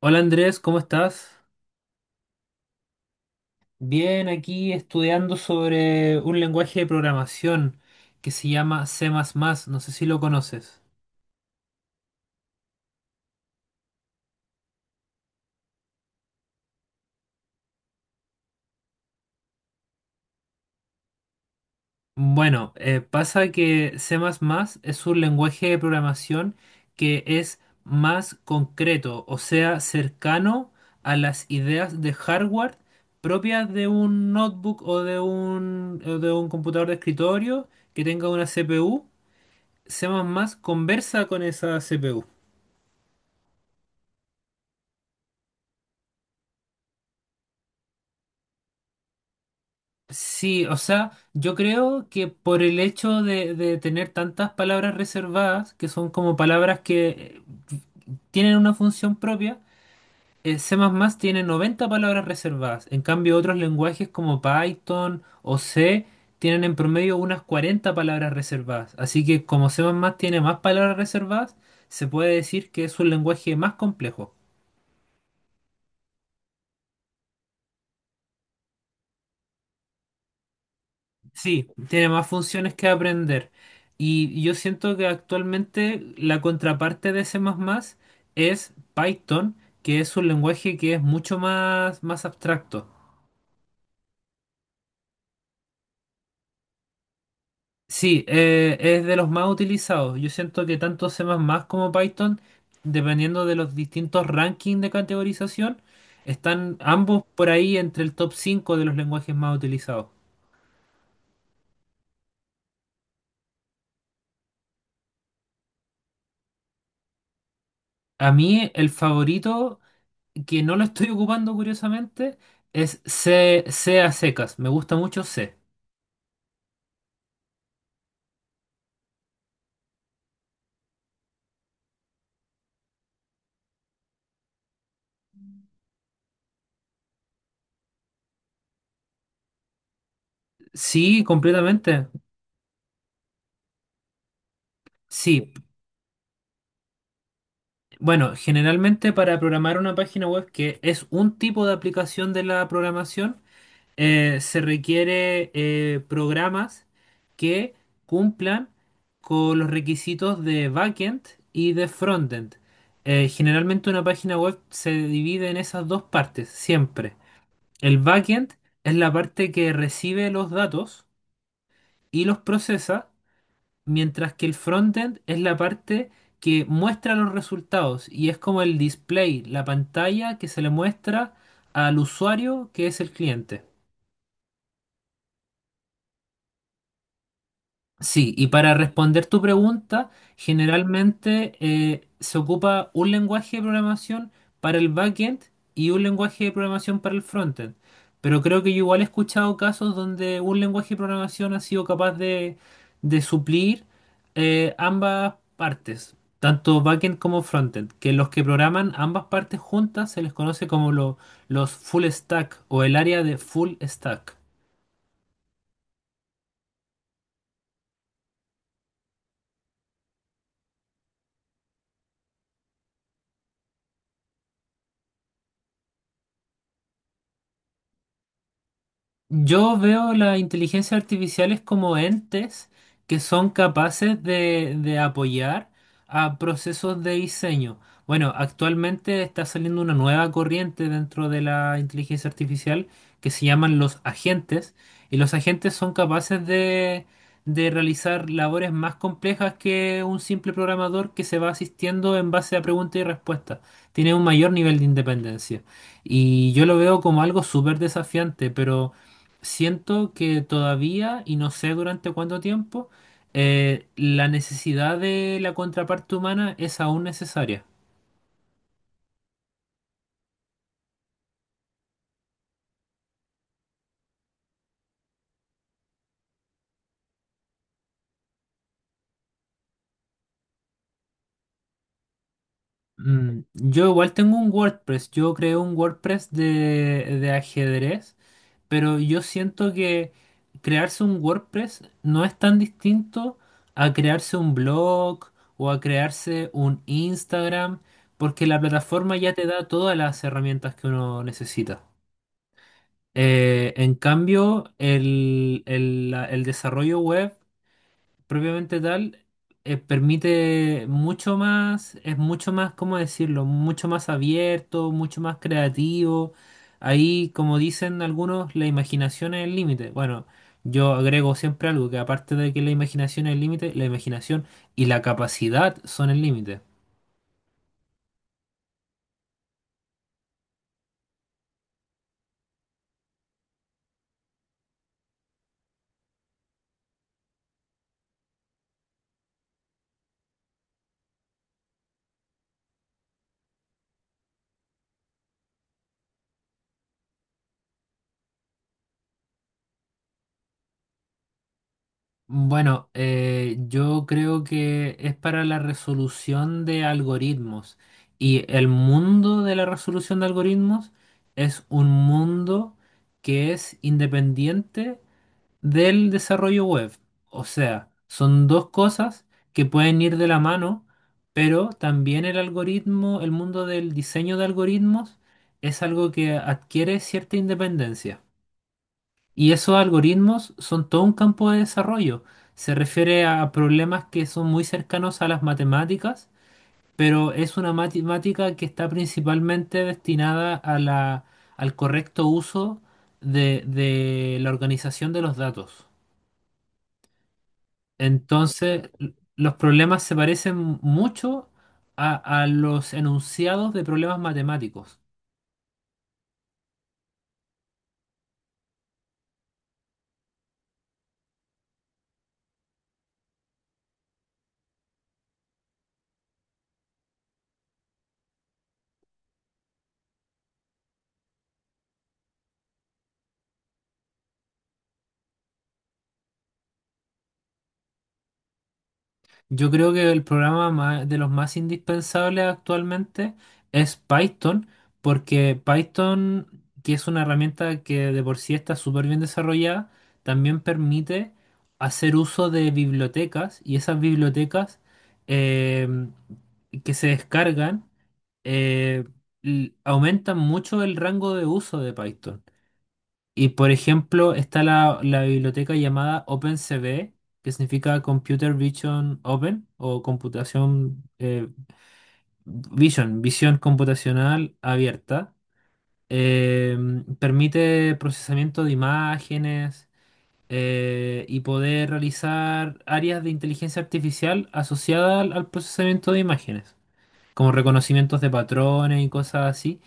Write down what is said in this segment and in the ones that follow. Hola Andrés, ¿cómo estás? Bien, aquí estudiando sobre un lenguaje de programación que se llama C++, no sé si lo conoces. Bueno, pasa que C++ es un lenguaje de programación que es más concreto, o sea, cercano a las ideas de hardware propias de un notebook o o de un computador de escritorio que tenga una CPU. C++ conversa con esa CPU. Sí, o sea, yo creo que por el hecho de tener tantas palabras reservadas, que son como palabras que tienen una función propia, C++ tiene 90 palabras reservadas. En cambio, otros lenguajes como Python o C tienen en promedio unas 40 palabras reservadas. Así que como C++ tiene más palabras reservadas, se puede decir que es un lenguaje más complejo. Sí, tiene más funciones que aprender. Y yo siento que actualmente la contraparte de C++ es Python, que es un lenguaje que es mucho más, más abstracto. Sí, es de los más utilizados. Yo siento que tanto C++ como Python, dependiendo de los distintos rankings de categorización, están ambos por ahí entre el top 5 de los lenguajes más utilizados. A mí el favorito que no lo estoy ocupando curiosamente es C, C a secas. Me gusta mucho C. Sí, completamente. Sí. Bueno, generalmente para programar una página web que es un tipo de aplicación de la programación, se requiere programas que cumplan con los requisitos de backend y de frontend. Generalmente una página web se divide en esas dos partes, siempre. El backend es la parte que recibe los datos y los procesa, mientras que el frontend es la parte que muestra los resultados y es como el display, la pantalla que se le muestra al usuario que es el cliente. Sí, y para responder tu pregunta, generalmente se ocupa un lenguaje de programación para el backend y un lenguaje de programación para el frontend. Pero creo que yo igual he escuchado casos donde un lenguaje de programación ha sido capaz de suplir ambas partes, tanto backend como frontend, que los que programan ambas partes juntas se les conoce como los full stack o el área de full stack. Yo veo las inteligencias artificiales como entes que son capaces de apoyar a procesos de diseño. Bueno, actualmente está saliendo una nueva corriente dentro de la inteligencia artificial que se llaman los agentes, y los agentes son capaces de realizar labores más complejas que un simple programador que se va asistiendo en base a preguntas y respuestas. Tiene un mayor nivel de independencia. Y yo lo veo como algo súper desafiante, pero siento que todavía, y no sé durante cuánto tiempo, la necesidad de la contraparte humana es aún necesaria. Mm, yo igual tengo un WordPress, yo creo un WordPress de ajedrez, pero yo siento que crearse un WordPress no es tan distinto a crearse un blog o a crearse un Instagram, porque la plataforma ya te da todas las herramientas que uno necesita. En cambio, el desarrollo web propiamente tal permite mucho más, es mucho más, ¿cómo decirlo? Mucho más abierto, mucho más creativo. Ahí, como dicen algunos, la imaginación es el límite. Bueno, yo agrego siempre algo, que aparte de que la imaginación es el límite, la imaginación y la capacidad son el límite. Bueno, yo creo que es para la resolución de algoritmos y el mundo de la resolución de algoritmos es un mundo que es independiente del desarrollo web. O sea, son dos cosas que pueden ir de la mano, pero también el algoritmo, el mundo del diseño de algoritmos es algo que adquiere cierta independencia. Y esos algoritmos son todo un campo de desarrollo. Se refiere a problemas que son muy cercanos a las matemáticas, pero es una matemática que está principalmente destinada a al correcto uso de la organización de los datos. Entonces, los problemas se parecen mucho a, a los enunciados de problemas matemáticos. Yo creo que el programa de los más indispensables actualmente es Python, porque Python, que es una herramienta que de por sí está súper bien desarrollada, también permite hacer uso de bibliotecas y esas bibliotecas em, que se descargan eh, aumentan mucho el rango de uso de Python. Y por ejemplo, está la biblioteca llamada OpenCV, que significa Computer Vision Open o computación Vision, visión computacional abierta. Eh, Permite procesamiento de imágenes y poder realizar áreas de inteligencia artificial asociadas al procesamiento de imágenes como reconocimientos de patrones y cosas así.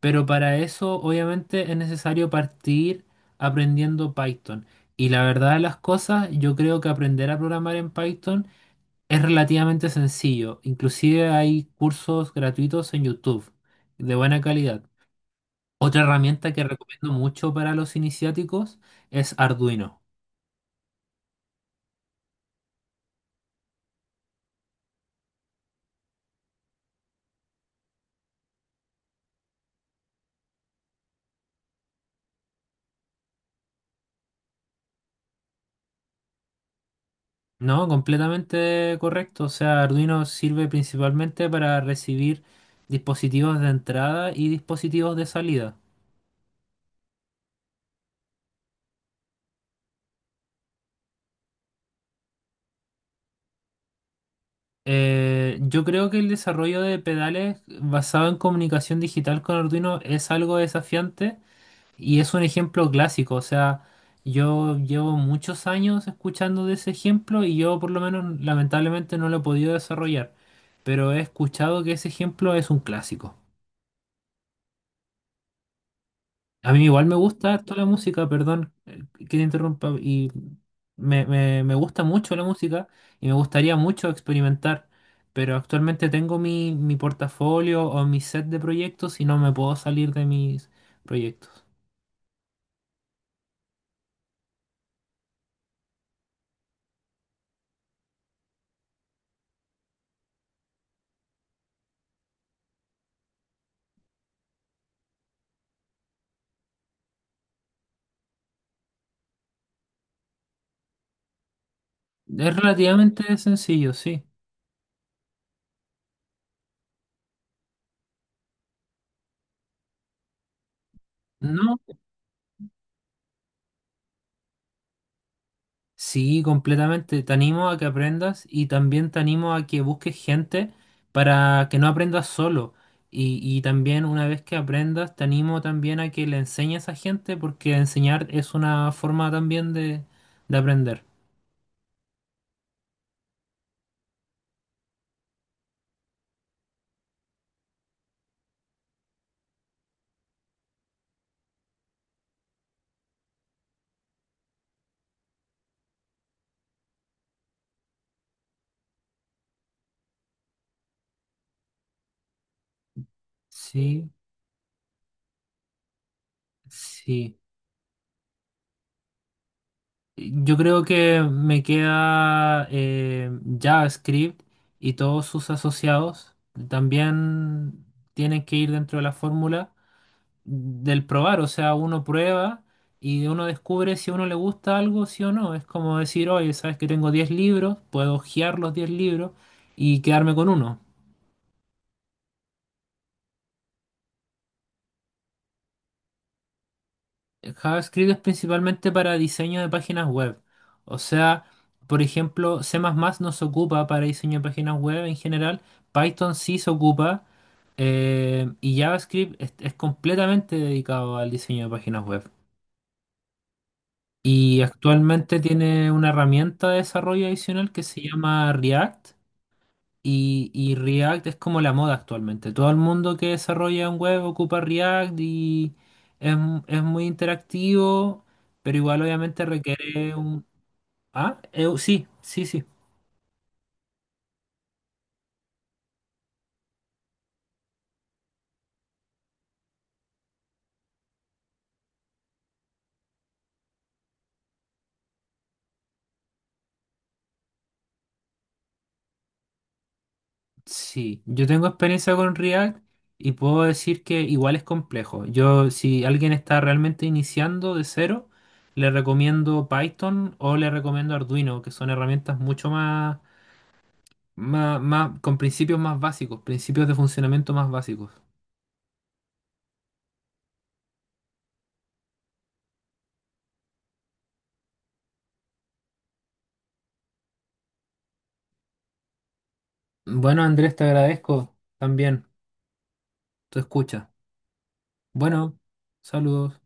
Pero para eso, obviamente, es necesario partir aprendiendo Python. Y la verdad de las cosas, yo creo que aprender a programar en Python es relativamente sencillo. Inclusive hay cursos gratuitos en YouTube de buena calidad. Otra herramienta que recomiendo mucho para los iniciáticos es Arduino. No, completamente correcto. O sea, Arduino sirve principalmente para recibir dispositivos de entrada y dispositivos de salida. Yo creo que el desarrollo de pedales basado en comunicación digital con Arduino es algo desafiante y es un ejemplo clásico. O sea, yo llevo muchos años escuchando de ese ejemplo y yo por lo menos lamentablemente no lo he podido desarrollar, pero he escuchado que ese ejemplo es un clásico. A mí igual me gusta harto la música, perdón que te interrumpa, y me gusta mucho la música y me gustaría mucho experimentar, pero actualmente tengo mi portafolio o mi set de proyectos y no me puedo salir de mis proyectos. Es relativamente sencillo, sí. No, sí, completamente. Te animo a que aprendas y también te animo a que busques gente para que no aprendas solo. Y también una vez que aprendas, te animo también a que le enseñes a gente porque enseñar es una forma también de aprender. Sí, sí. Yo creo que me queda JavaScript y todos sus asociados también tienen que ir dentro de la fórmula del probar, o sea, uno prueba y uno descubre si a uno le gusta algo, sí o no. Es como decir, oye, sabes que tengo 10 libros, puedo hojear los 10 libros y quedarme con uno. JavaScript es principalmente para diseño de páginas web. O sea, por ejemplo, C++ no se ocupa para diseño de páginas web en general, Python sí se ocupa, y JavaScript es completamente dedicado al diseño de páginas web. Y actualmente tiene una herramienta de desarrollo adicional que se llama React. Y React es como la moda actualmente. Todo el mundo que desarrolla un web ocupa React y es, es muy interactivo, pero igual obviamente requiere un... Ah, sí, sí, sí. Sí, yo tengo experiencia con React y puedo decir que igual es complejo. Yo, si alguien está realmente iniciando de cero, le recomiendo Python o le recomiendo Arduino, que son herramientas mucho más, con principios más básicos, principios de funcionamiento más básicos. Bueno, Andrés, te agradezco también tu escucha. Bueno, saludos.